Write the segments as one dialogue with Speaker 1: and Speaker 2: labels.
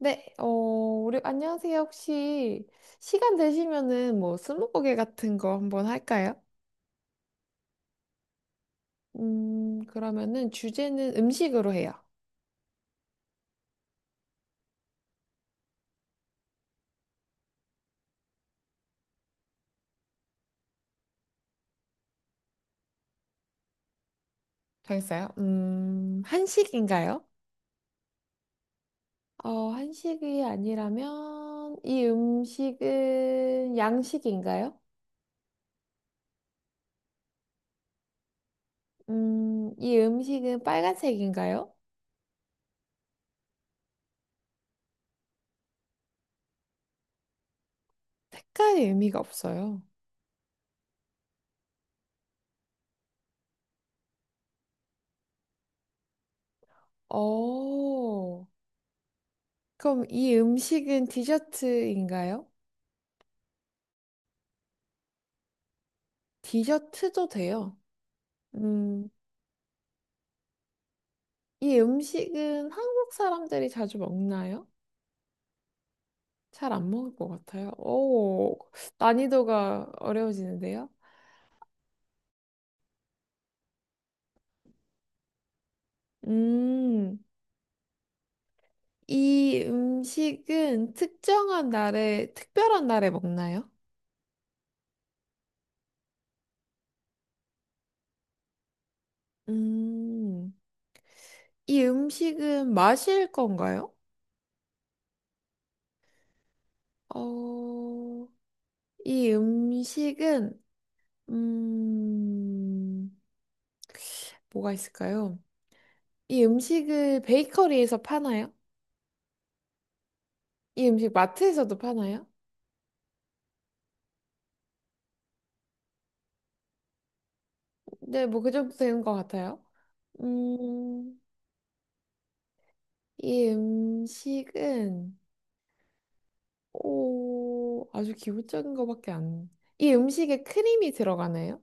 Speaker 1: 네, 우리 안녕하세요. 혹시 시간 되시면은 뭐 스무고개 같은 거 한번 할까요? 그러면은 주제는 음식으로 해요. 정했어요? 한식인가요? 어, 한식이 아니라면 이 음식은 양식인가요? 이 음식은 빨간색인가요? 색깔이 의미가 없어요. 어, 그럼 이 음식은 디저트인가요? 디저트도 돼요. 음, 이 음식은 한국 사람들이 자주 먹나요? 잘 안 먹을 것 같아요. 오, 난이도가 어려워지는데요. 음, 이 음식은 특정한 날에, 특별한 날에 먹나요? 음, 이 음식은 마실 건가요? 어, 이 음식은, 음, 뭐가 있을까요? 이 음식을 베이커리에서 파나요? 이 음식 마트에서도 파나요? 네, 뭐 그 정도 되는 것 같아요. 음, 이 음식은 오, 아주 기본적인 것밖에 안. 이 음식에 크림이 들어가나요?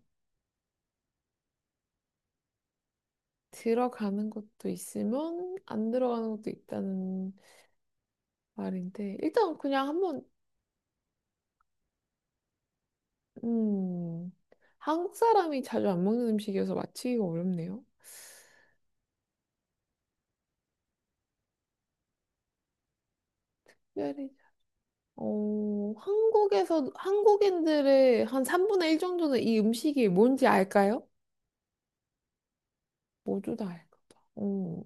Speaker 1: 들어가는 것도 있으면 안 들어가는 것도 있다는 말인데 일단 그냥 한번 음, 한국 사람이 자주 안 먹는 음식이어서 맞히기가 어렵네요. 특별히 어, 한국에서 한국인들의 한 3분의 1 정도는 이 음식이 뭔지 알까요? 모두 다 할까 봐.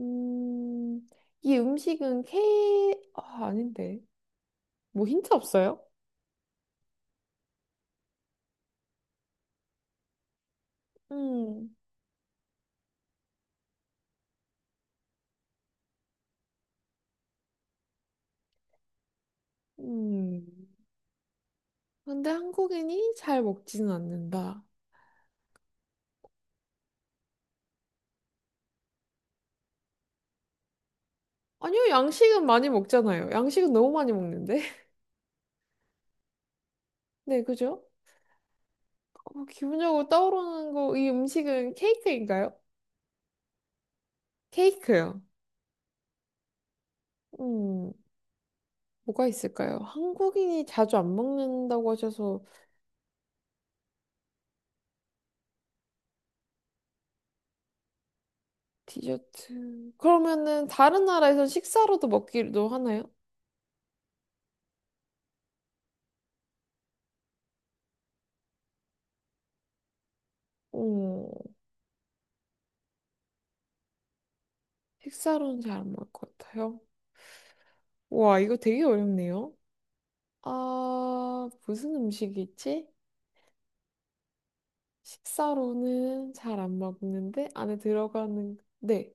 Speaker 1: 음, 이 음식은 케... 아, 아닌데. 뭐 힌트 없어요? 음, 음. 근데 한국인이 잘 먹지는 않는다. 아니요, 양식은 많이 먹잖아요. 양식은 너무 많이 먹는데. 네, 그죠? 어, 기본적으로 떠오르는 거, 이 음식은 케이크인가요? 케이크요. 음, 뭐가 있을까요? 한국인이 자주 안 먹는다고 하셔서 디저트. 그러면은 다른 나라에서 식사로도 먹기도 하나요? 어, 식사로는 잘 안 먹을 것 같아요. 와, 이거 되게 어렵네요. 아, 무슨 음식이 지 식사로는 잘 안 먹는데 안에 들어가는 네.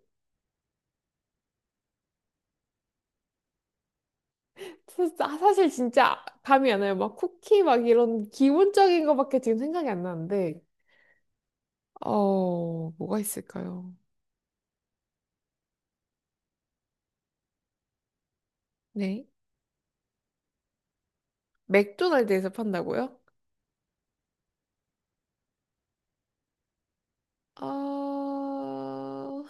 Speaker 1: 사실 진짜 감이 안 와요. 막 쿠키 막 이런 기본적인 거밖에 지금 생각이 안 나는데. 어, 뭐가 있을까요? 네. 맥도날드에서 판다고요? 아,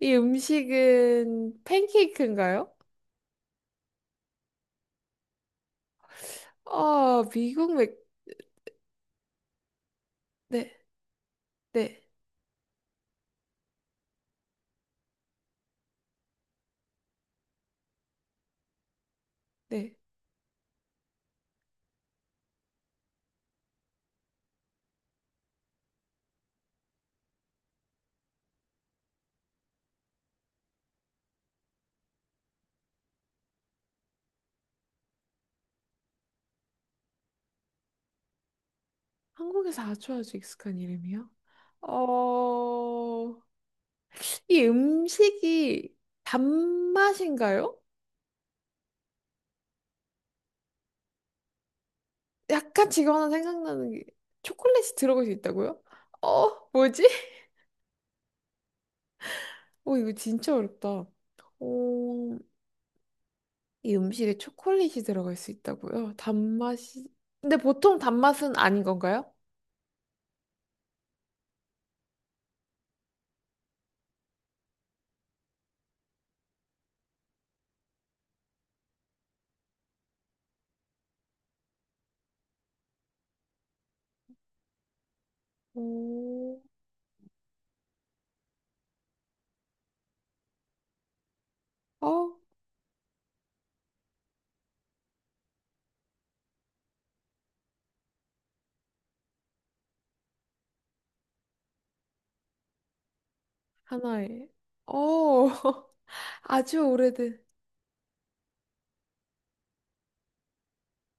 Speaker 1: 이 음식은 팬케이크인가요? 아, 미국 맥, 네. 네, 네. 한국에서 아주 아주 익숙한 이름이요? 어, 이 음식이 단맛인가요? 약간 지금 하나 생각나는 게 초콜릿이 들어갈 수 있다고요? 어, 뭐지? 어, 이거 진짜 어렵다. 어, 이 음식에 초콜릿이 들어갈 수 있다고요? 단맛이. 근데 보통 단맛은 아닌 건가요? 오, 어, 하나에. 어, 아주 오래된.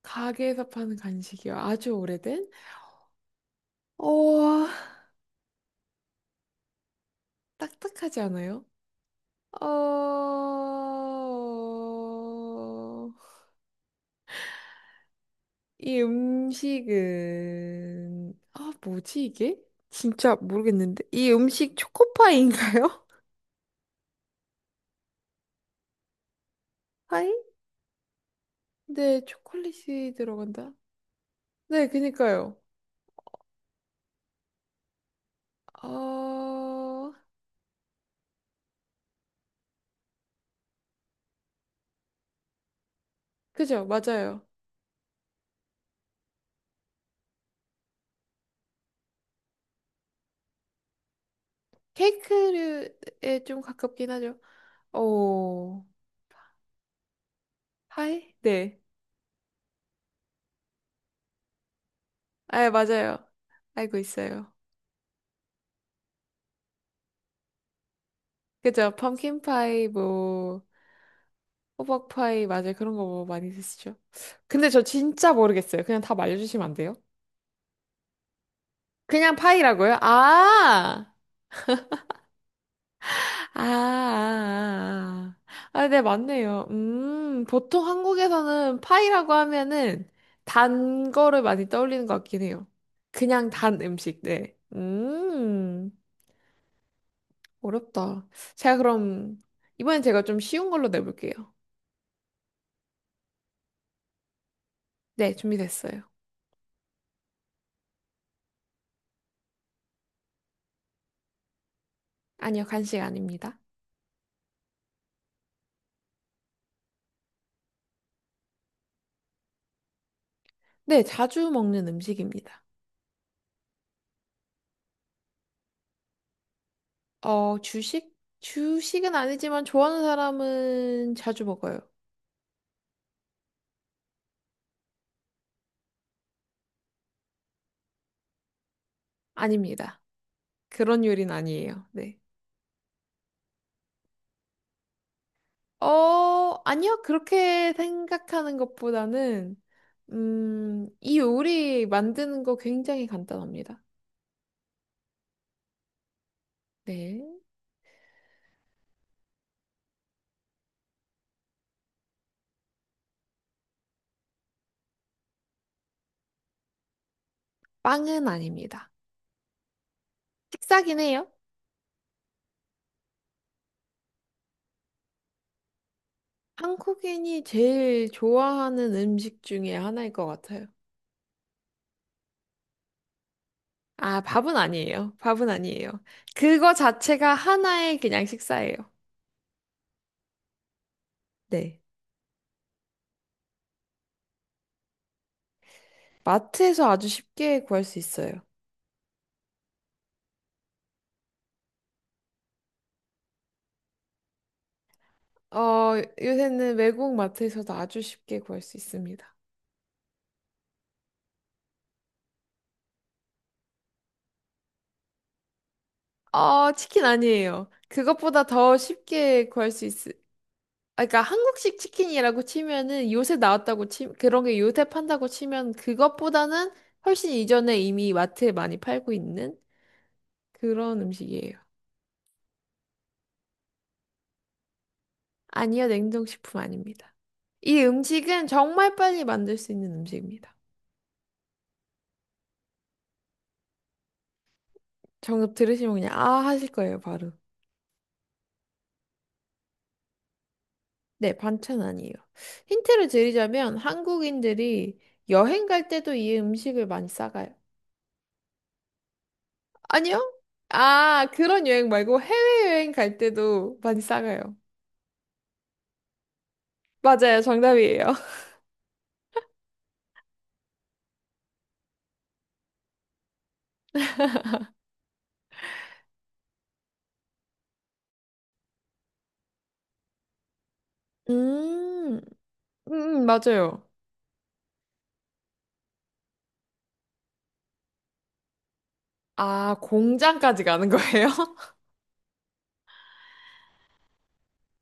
Speaker 1: 가게에서 파는 간식이요. 아주 오래된? 어, 딱딱하지 않아요? 어, 이 음식은, 아, 뭐지 이게? 진짜 모르겠는데. 이 음식 초코파이인가요? 파이? 네, 초콜릿이 들어간다. 네, 그니까요. 어, 그죠, 맞아요. 케이크류에 좀 가깝긴 하죠. 오, 파이? 네. 아, 맞아요. 알고 있어요. 그죠? 펌킨파이, 뭐, 호박파이, 맞아요. 그런 거 뭐 많이 드시죠? 근데 저 진짜 모르겠어요. 그냥 답 알려주시면 안 돼요? 그냥 파이라고요? 아! 아, 아, 아. 아, 아, 네, 맞네요. 보통 한국에서는 파이라고 하면은 단 거를 많이 떠올리는 것 같긴 해요. 그냥 단 음식, 네. 어렵다. 제가 그럼, 이번엔 제가 좀 쉬운 걸로 내볼게요. 네, 준비됐어요. 아니요, 간식 아닙니다. 네, 자주 먹는 음식입니다. 어, 주식? 주식은 아니지만 좋아하는 사람은 자주 먹어요. 아닙니다. 그런 요리는 아니에요. 네. 어, 아니요. 그렇게 생각하는 것보다는, 이 요리 만드는 거 굉장히 간단합니다. 네. 빵은 아닙니다. 식사긴 해요. 한국인이 제일 좋아하는 음식 중에 하나일 것 같아요. 아, 밥은 아니에요. 밥은 아니에요. 그거 자체가 하나의 그냥 식사예요. 네. 마트에서 아주 쉽게 구할 수 있어요. 어, 요새는 외국 마트에서도 아주 쉽게 구할 수 있습니다. 어, 치킨 아니에요. 그것보다 더 쉽게 구할 수 있, 아, 그러니까 한국식 치킨이라고 치면은 요새 나왔다고 치, 그런 게 요새 판다고 치면 그것보다는 훨씬 이전에 이미 마트에 많이 팔고 있는 그런 음식이에요. 아니요, 냉동식품 아닙니다. 이 음식은 정말 빨리 만들 수 있는 음식입니다. 정답 들으시면 그냥 아 하실 거예요, 바로. 네, 반찬 아니에요. 힌트를 드리자면 한국인들이 여행 갈 때도 이 음식을 많이 싸가요. 아니요? 아, 그런 여행 말고 해외여행 갈 때도 많이 싸가요. 맞아요, 정답이에요. 음, 맞아요. 아, 공장까지 가는 거예요?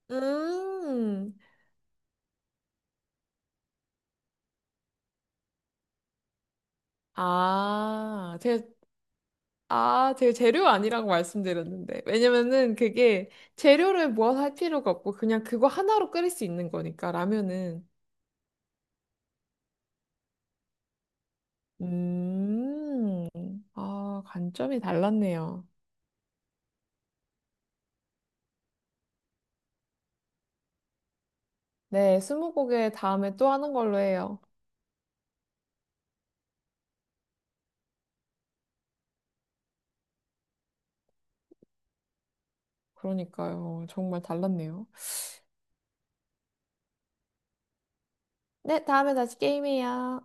Speaker 1: 음, 아, 제가 아, 제가 재료 아니라고 말씀드렸는데. 왜냐면은 그게 재료를 모아서 할 필요가 없고 그냥 그거 하나로 끓일 수 있는 거니까 라면은. 음. 아, 관점이 달랐네요. 네, 스무고개 다음에 또 하는 걸로 해요. 그러니까요. 정말 달랐네요. 네, 다음에 다시 게임해요.